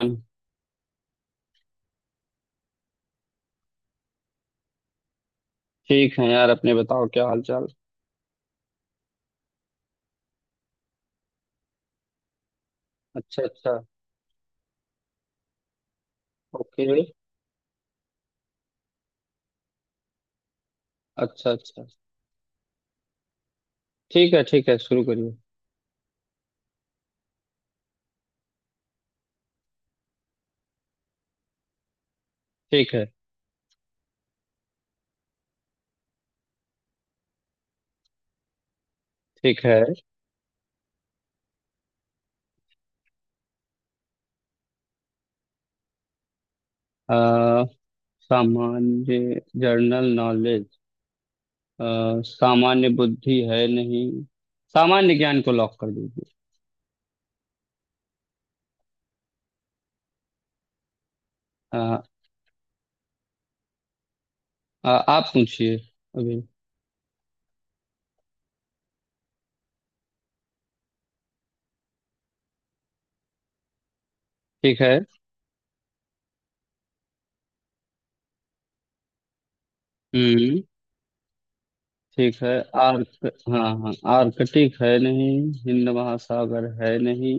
ठीक है यार अपने बताओ क्या हाल चाल। अच्छा अच्छा। ओके। अच्छा अच्छा। ठीक है शुरू करिए। ठीक है ठीक है। आ, सामान्य जर्नल नॉलेज। सामान्य बुद्धि है नहीं। सामान्य ज्ञान को लॉक कर दीजिए। अ, आप पूछिए अभी। ठीक है। हम्म। ठीक है। आर्क हाँ हाँ आर्कटिक है नहीं। हिंद महासागर है नहीं।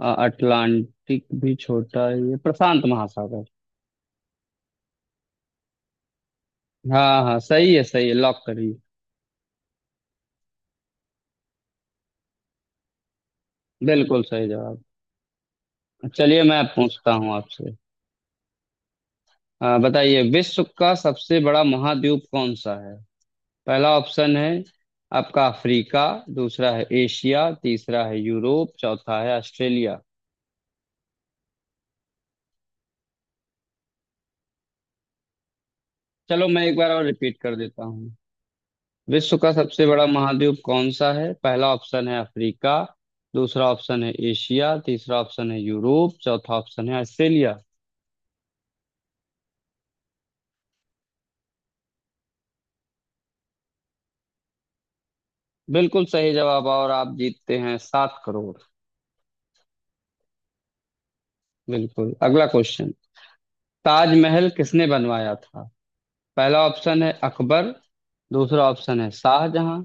अटलांटिक भी छोटा है ये प्रशांत महासागर। हाँ हाँ सही है लॉक करिए। बिल्कुल सही जवाब। चलिए मैं पूछता हूँ आपसे। बताइए विश्व का सबसे बड़ा महाद्वीप कौन सा है? पहला ऑप्शन है आपका अफ्रीका। दूसरा है एशिया तीसरा है यूरोप चौथा है ऑस्ट्रेलिया। चलो मैं एक बार और रिपीट कर देता हूँ। विश्व का सबसे बड़ा महाद्वीप कौन सा है? पहला ऑप्शन है अफ्रीका दूसरा ऑप्शन है एशिया तीसरा ऑप्शन है यूरोप चौथा ऑप्शन है ऑस्ट्रेलिया। बिल्कुल सही जवाब, और आप जीतते हैं 7 करोड़। बिल्कुल। अगला क्वेश्चन। ताजमहल किसने बनवाया था? पहला ऑप्शन है अकबर। दूसरा ऑप्शन है शाहजहां।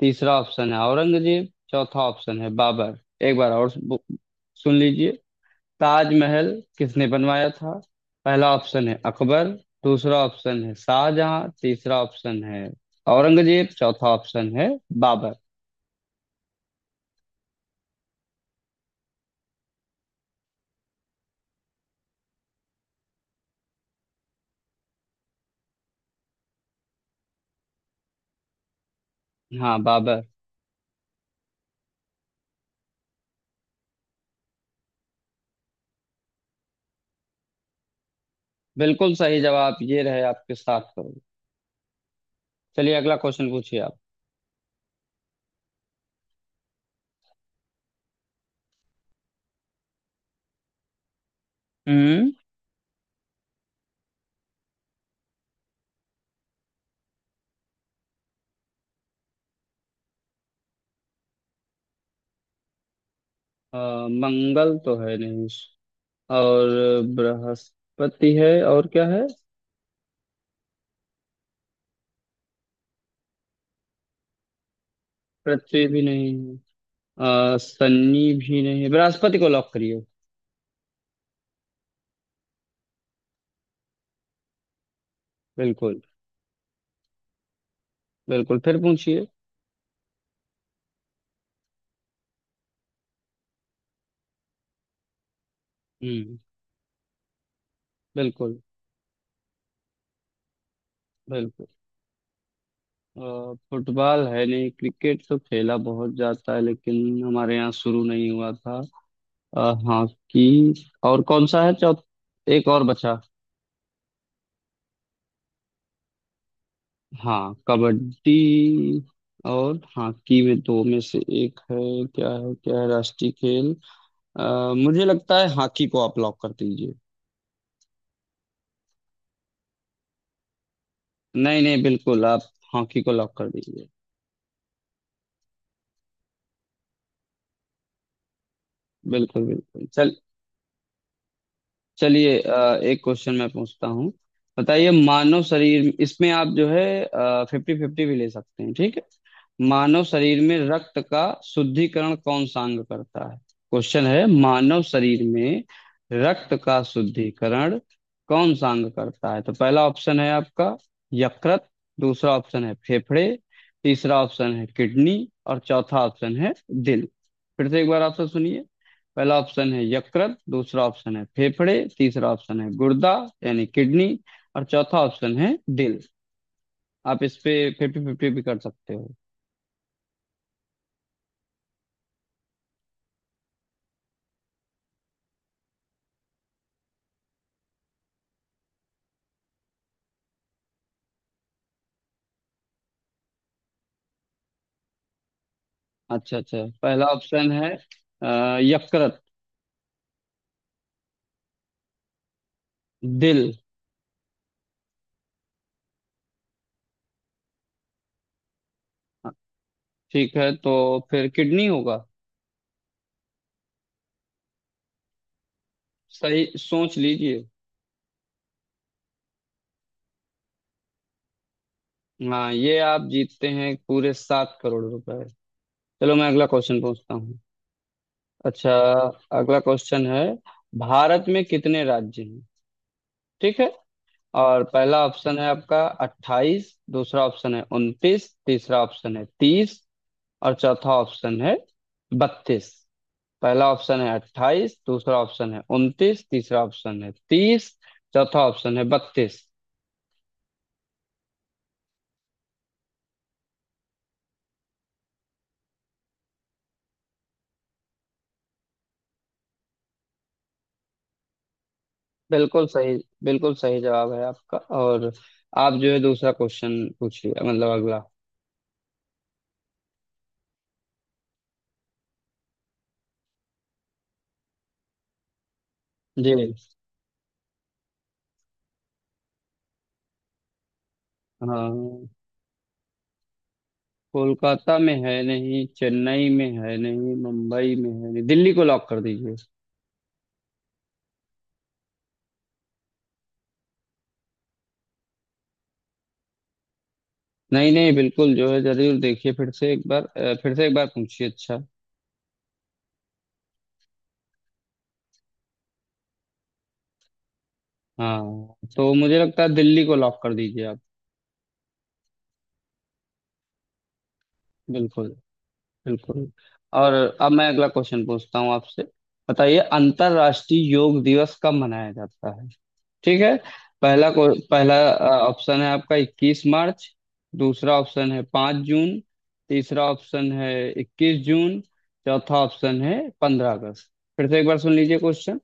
तीसरा ऑप्शन है औरंगजेब चौथा ऑप्शन है बाबर। एक बार और सुन लीजिए। ताजमहल किसने बनवाया था? पहला ऑप्शन है अकबर। दूसरा ऑप्शन है शाहजहां तीसरा ऑप्शन है औरंगजेब चौथा ऑप्शन है बाबर। हाँ बाबर। बिल्कुल सही जवाब, ये रहे आपके साथ करोगे। चलिए अगला क्वेश्चन पूछिए। आप। अ, मंगल तो है नहीं। और बृहस्पति है और क्या है? पृथ्वी भी नहीं है। शनि भी नहीं है, बृहस्पति को लॉक करिए। बिल्कुल। बिल्कुल फिर पूछिए। हम्म। बिल्कुल। बिल्कुल। फुटबॉल है नहीं, क्रिकेट तो खेला बहुत जाता है लेकिन हमारे यहाँ शुरू नहीं हुआ था। अ, हॉकी। और कौन सा है चौथ एक और बचा। हाँ कबड्डी। और हॉकी में दो में से एक है। क्या है क्या है राष्ट्रीय खेल? मुझे लगता है हॉकी को आप लॉक कर दीजिए। नहीं नहीं, बिल्कुल आप हॉकी को लॉक कर दीजिए। बिल्कुल बिल्कुल चल। चलिए एक क्वेश्चन मैं पूछता हूँ। बताइए मानव शरीर, इसमें आप जो है फिफ्टी फिफ्टी भी ले सकते हैं, ठीक है। मानव शरीर में रक्त का शुद्धिकरण कौन सा अंग करता है? क्वेश्चन है मानव शरीर में रक्त का शुद्धिकरण कौन सा अंग करता है? तो पहला ऑप्शन है आपका यकृत। दूसरा ऑप्शन है फेफड़े। तीसरा ऑप्शन है किडनी। और चौथा ऑप्शन है दिल। फिर से एक बार ऑप्शन सुनिए। पहला ऑप्शन है यकृत दूसरा ऑप्शन है फेफड़े तीसरा ऑप्शन है गुर्दा यानी किडनी और चौथा ऑप्शन है दिल। आप इस पे फिफ्टी फिफ्टी भी कर सकते हो। अच्छा अच्छा, पहला ऑप्शन है यकृत, दिल। ठीक है, तो फिर किडनी होगा। सही सोच लीजिए। हाँ, ये आप जीतते हैं पूरे 7 करोड़ रुपए। चलो मैं अगला क्वेश्चन पूछता हूँ। अच्छा। अगला क्वेश्चन है, भारत में कितने राज्य हैं? ठीक है। और पहला ऑप्शन है आपका 28 दूसरा ऑप्शन है 29 तीसरा ऑप्शन है 30 और चौथा ऑप्शन है 32। पहला ऑप्शन है 28 दूसरा ऑप्शन है उनतीस तीसरा ऑप्शन है तीस चौथा ऑप्शन है बत्तीस। बिल्कुल सही। बिल्कुल सही जवाब है आपका, और आप जो है दूसरा क्वेश्चन पूछिए, मतलब अगला। जी। हाँ, कोलकाता में है नहीं, चेन्नई में है नहीं, मुंबई में है नहीं, दिल्ली को लॉक कर दीजिए। नहीं नहीं, बिल्कुल जो है, जरूर देखिए, फिर से एक बार अ, फिर से एक बार पूछिए अच्छा। हाँ, तो मुझे लगता है दिल्ली को लॉक कर दीजिए आप। बिल्कुल। बिल्कुल। और अब मैं अगला क्वेश्चन पूछता हूँ आपसे। बताइए अंतर्राष्ट्रीय योग दिवस कब मनाया जाता है? ठीक है। पहला ऑप्शन है आपका 21 मार्च। दूसरा ऑप्शन है 5 जून। तीसरा ऑप्शन है 21 जून। चौथा ऑप्शन है 15 अगस्त। फिर से एक बार सुन लीजिए क्वेश्चन।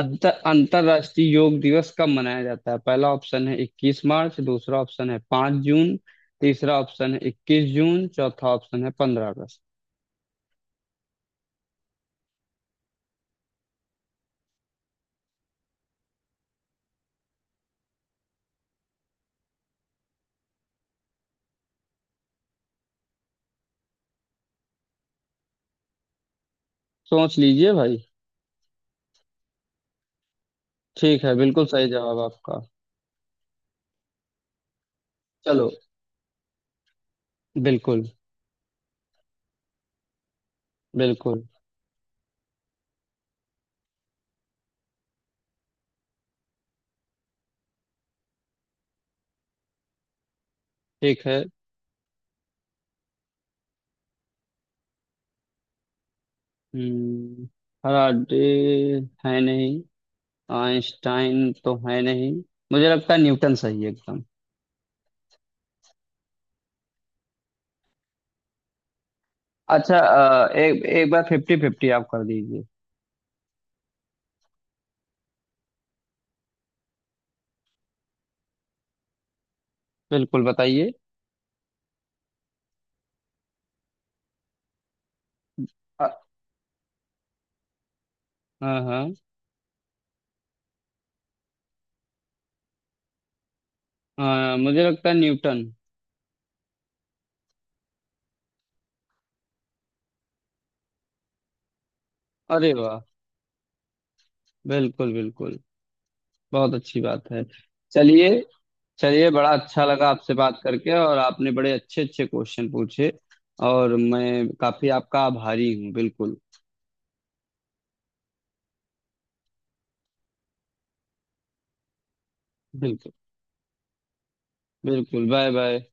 अंतर्राष्ट्रीय योग दिवस कब मनाया जाता है? पहला ऑप्शन है 21 मार्च दूसरा ऑप्शन है पाँच जून तीसरा ऑप्शन है इक्कीस जून चौथा ऑप्शन है पंद्रह अगस्त। सोच लीजिए भाई। ठीक है, बिल्कुल सही जवाब आपका। चलो। बिल्कुल बिल्कुल। ठीक है। हम्म। फैराडे है नहीं। आइंस्टाइन तो है नहीं। मुझे लगता है न्यूटन सही है एकदम। अच्छा एक एक बार फिफ्टी फिफ्टी आप कर दीजिए। बिल्कुल बताइए। अ, हाँ हाँ। हाँ, मुझे लगता है न्यूटन। अरे वाह। बिल्कुल बिल्कुल। बहुत अच्छी बात है। चलिए। चलिए, बड़ा अच्छा लगा आपसे बात करके और आपने बड़े अच्छे अच्छे क्वेश्चन पूछे। और मैं काफी आपका आभारी हूँ। बिल्कुल। बिल्कुल बिल्कुल बाय बाय।